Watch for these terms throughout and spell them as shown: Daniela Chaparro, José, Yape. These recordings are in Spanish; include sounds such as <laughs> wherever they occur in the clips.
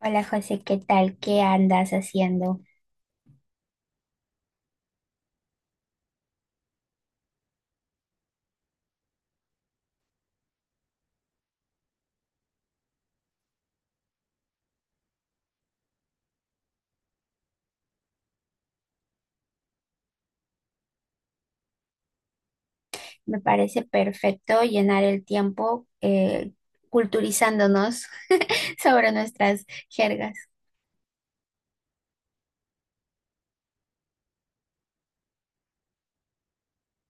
Hola José, ¿qué tal? ¿Qué andas haciendo? Me parece perfecto llenar el tiempo culturizándonos <laughs> sobre nuestras jergas.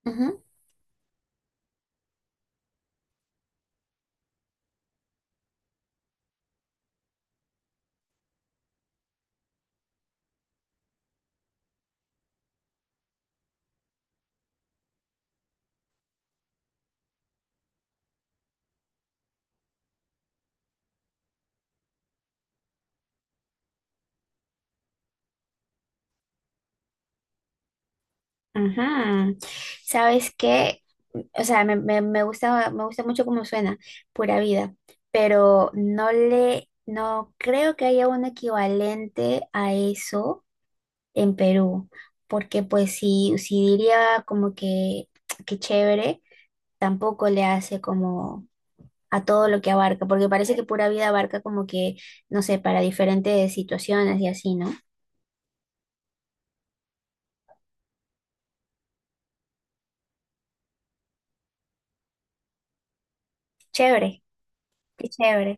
Ujú. Ajá. ¿Sabes qué? O sea, me gusta mucho cómo suena, pura vida, pero no le, no creo que haya un equivalente a eso en Perú, porque pues si diría como que, <tsk> que chévere, tampoco le hace como a todo lo que abarca, porque parece que pura vida abarca como que, no sé, para diferentes situaciones y así, ¿no? Chévere, qué chévere.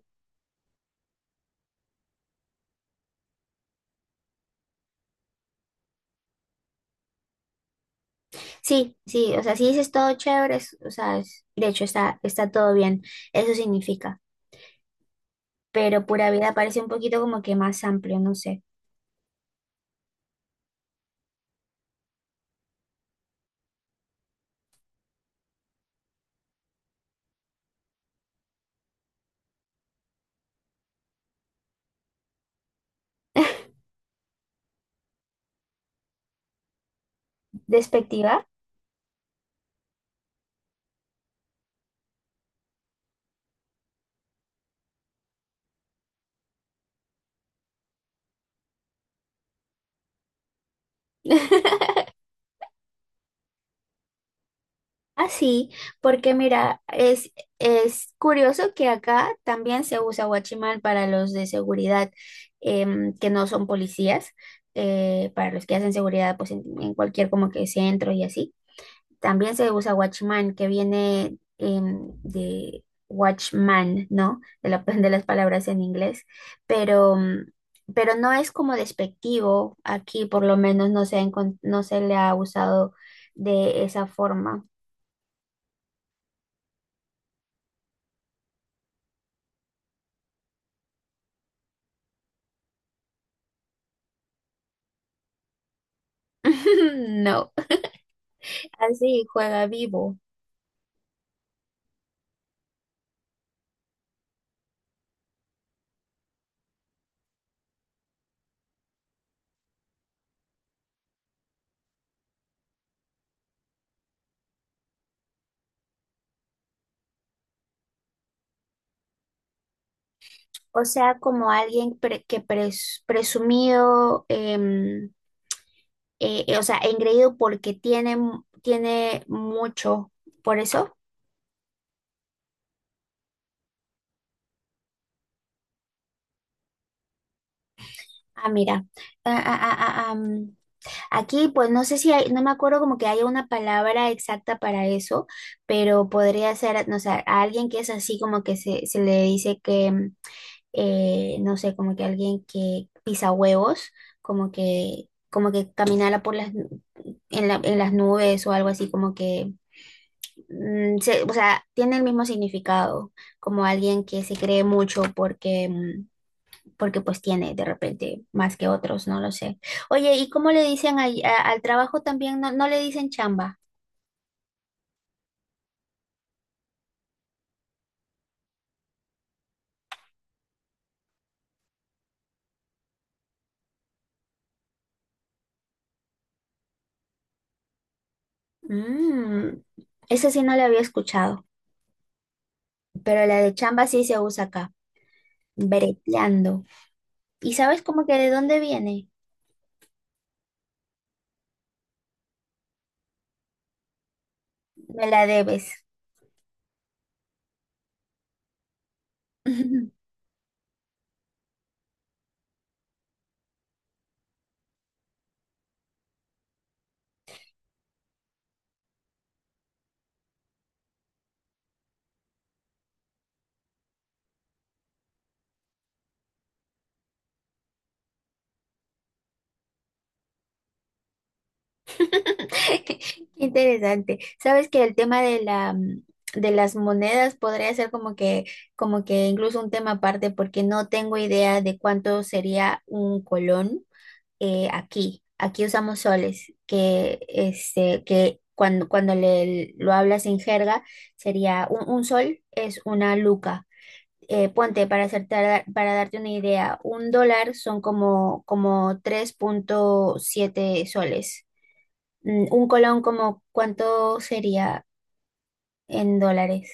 Sí, sí, o sea, si dices todo chévere, o sea, de hecho está, está todo bien, eso significa, pero pura vida parece un poquito como que más amplio, no sé. <laughs> ¿Despectiva? <laughs> Así, porque mira, es curioso que acá también se usa guachimal para los de seguridad que no son policías, para los que hacen seguridad pues en cualquier como que centro y así. También se usa guachimán, que viene de watchman, ¿no? De, <laughs> de las palabras en inglés, pero, pero no es como despectivo, aquí por lo menos no se ha no se le ha usado de esa forma. <laughs> No. Así juega vivo. O sea, como alguien presumido, o sea, engreído porque tiene, tiene mucho. Por eso, ah, mira. Ah, ah, ah, ah, am. Aquí, pues no sé si hay, no me acuerdo como que haya una palabra exacta para eso, pero podría ser, no sé, a alguien que es así como que se le dice que. No sé, como que alguien que pisa huevos, como que caminara por las, en las nubes o algo así, como que, o sea, tiene el mismo significado, como alguien que se cree mucho porque, porque pues tiene de repente más que otros, no lo sé. Oye, ¿y cómo le dicen ahí al trabajo también? No, no le dicen chamba. Mm, Esa sí no la había escuchado, pero la de chamba sí se usa acá, breteando. ¿Y sabes como que de dónde viene? Me la debes. <laughs> Qué interesante. Sabes que el tema de la de las monedas podría ser como que incluso un tema aparte porque no tengo idea de cuánto sería un colón aquí. Aquí usamos soles, que este que cuando le lo hablas en jerga sería un sol es una luca ponte para para darte una idea, un dólar son como, como 3.7 soles. Un colón como ¿cuánto sería en dólares?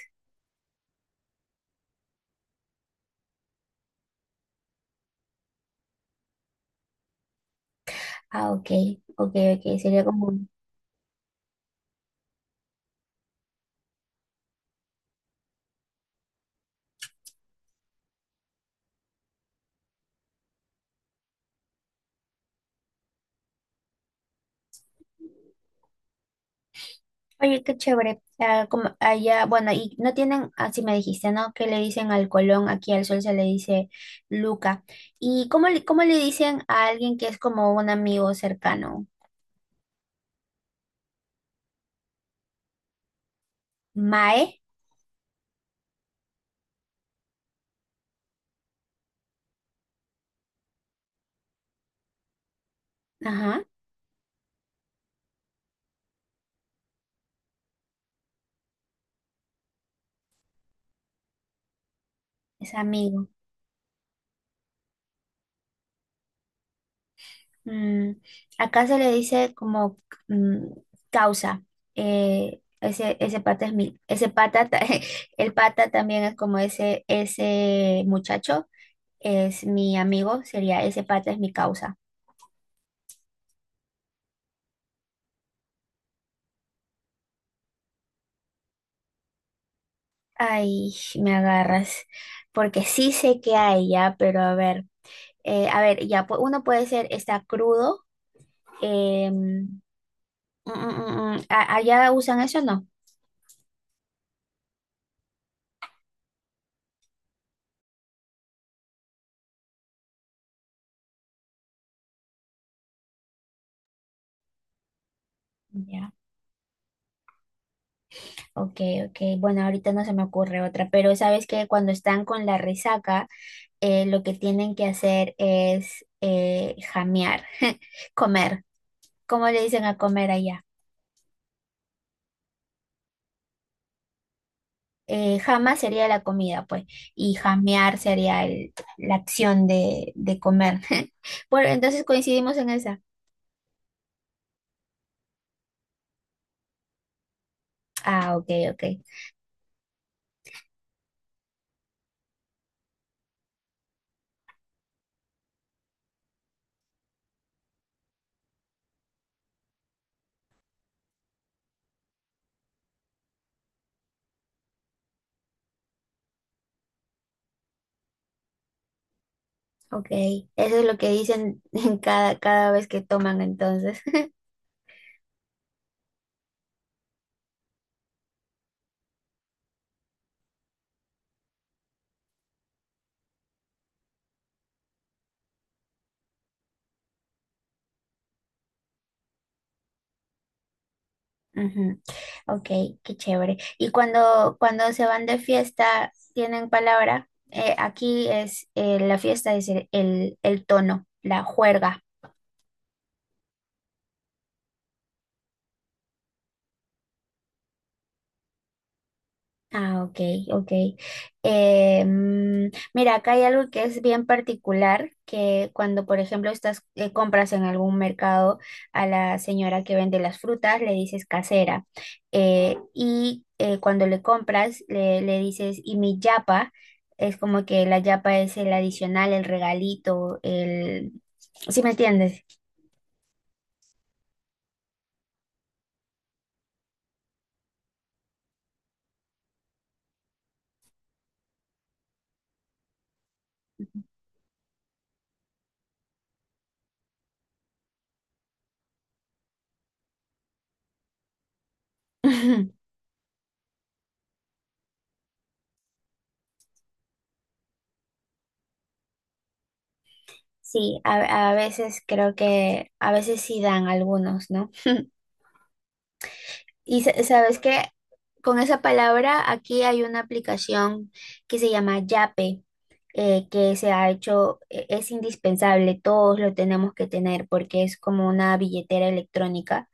Ah, ok, ok, ok, sería como... Oye, qué chévere. Ah, como allá, bueno, y no tienen, así me dijiste, ¿no? Que le dicen al colón, aquí al sol se le dice luca. ¿Y cómo cómo le dicen a alguien que es como un amigo cercano? Mae, ajá, es amigo. Mm, acá se le dice como mm, causa. Eh, ese pata es mi, ese pata, <laughs> el pata también es como ese muchacho, es mi amigo, sería ese pata es mi causa. Ay, me agarras, porque sí sé que hay ya, pero a ver, ya, uno puede ser, está crudo, em, allá usan eso o no? Ya. Ok, ok. Bueno, ahorita no se me ocurre otra, pero sabes que cuando están con la resaca, lo que tienen que hacer es jamear, <laughs> comer. ¿Cómo le dicen a comer allá? Jama sería la comida, pues, y jamear sería la acción de comer. <laughs> Bueno, entonces coincidimos en esa. Ah, ok, ok, ok. Eso es lo que dicen <laughs> en cada, cada vez que toman entonces. <laughs> Ujú. Ok, qué chévere. Y cuando se van de fiesta, tienen palabra. Aquí es la fiesta, es el tono, la juerga. Ah, ok, ok. Eh, mm, Mira, acá hay algo que es bien particular, que cuando, por ejemplo, estás, compras en algún mercado a la señora que vende las frutas, le dices casera. Eh, y cuando le compras, le dices, y mi yapa, es como que la yapa es el adicional, el regalito, el... ¿Sí me entiendes? <laughs> Sí, a veces creo que, a veces sí dan algunos, ¿no? Y sabes que con esa palabra aquí hay una aplicación que se llama Yape, que se ha hecho, es indispensable, todos lo tenemos que tener porque es como una billetera electrónica.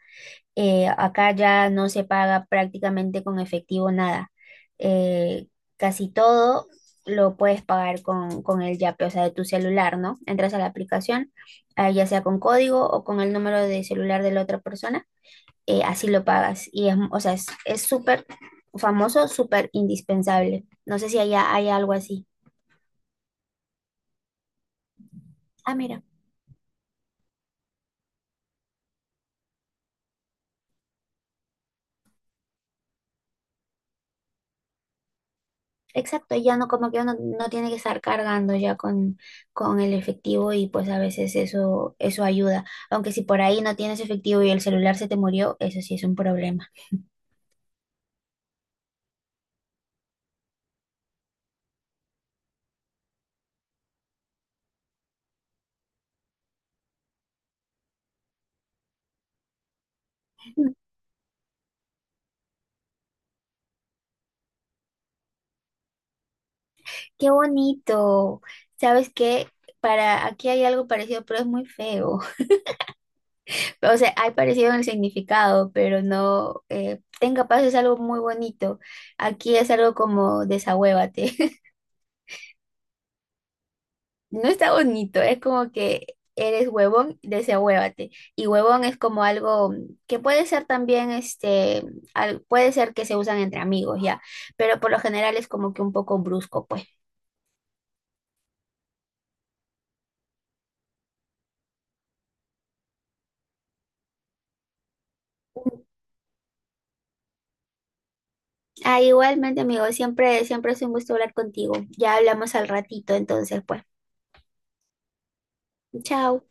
Acá ya no se paga prácticamente con efectivo nada. Eh, casi todo lo puedes pagar con el Yape, o sea, de tu celular, ¿no? Entras a la aplicación, ah, ya sea con código o con el número de celular de la otra persona así lo pagas. Y es, o sea, es súper famoso, súper indispensable. No sé si allá hay algo así. Ah, mira, exacto, ya no, como que uno no tiene que estar cargando ya con el efectivo y pues a veces eso, eso ayuda. Aunque si por ahí no tienes efectivo y el celular se te murió, eso sí es un problema. Mm, Qué bonito. ¿Sabes qué? Para aquí hay algo parecido, pero es muy feo. O sea, hay parecido en el significado, pero no. Eh, tenga paz es algo muy bonito. Aquí es algo como desahuévate. <laughs> No está bonito, es como que eres huevón, desahuévate. Y huevón es como algo que puede ser también, este, puede ser que se usan entre amigos, ya. Pero por lo general es como que un poco brusco, pues. Ah, igualmente, amigo, siempre, siempre es un gusto hablar contigo. Ya hablamos al ratito, entonces, pues. Chao.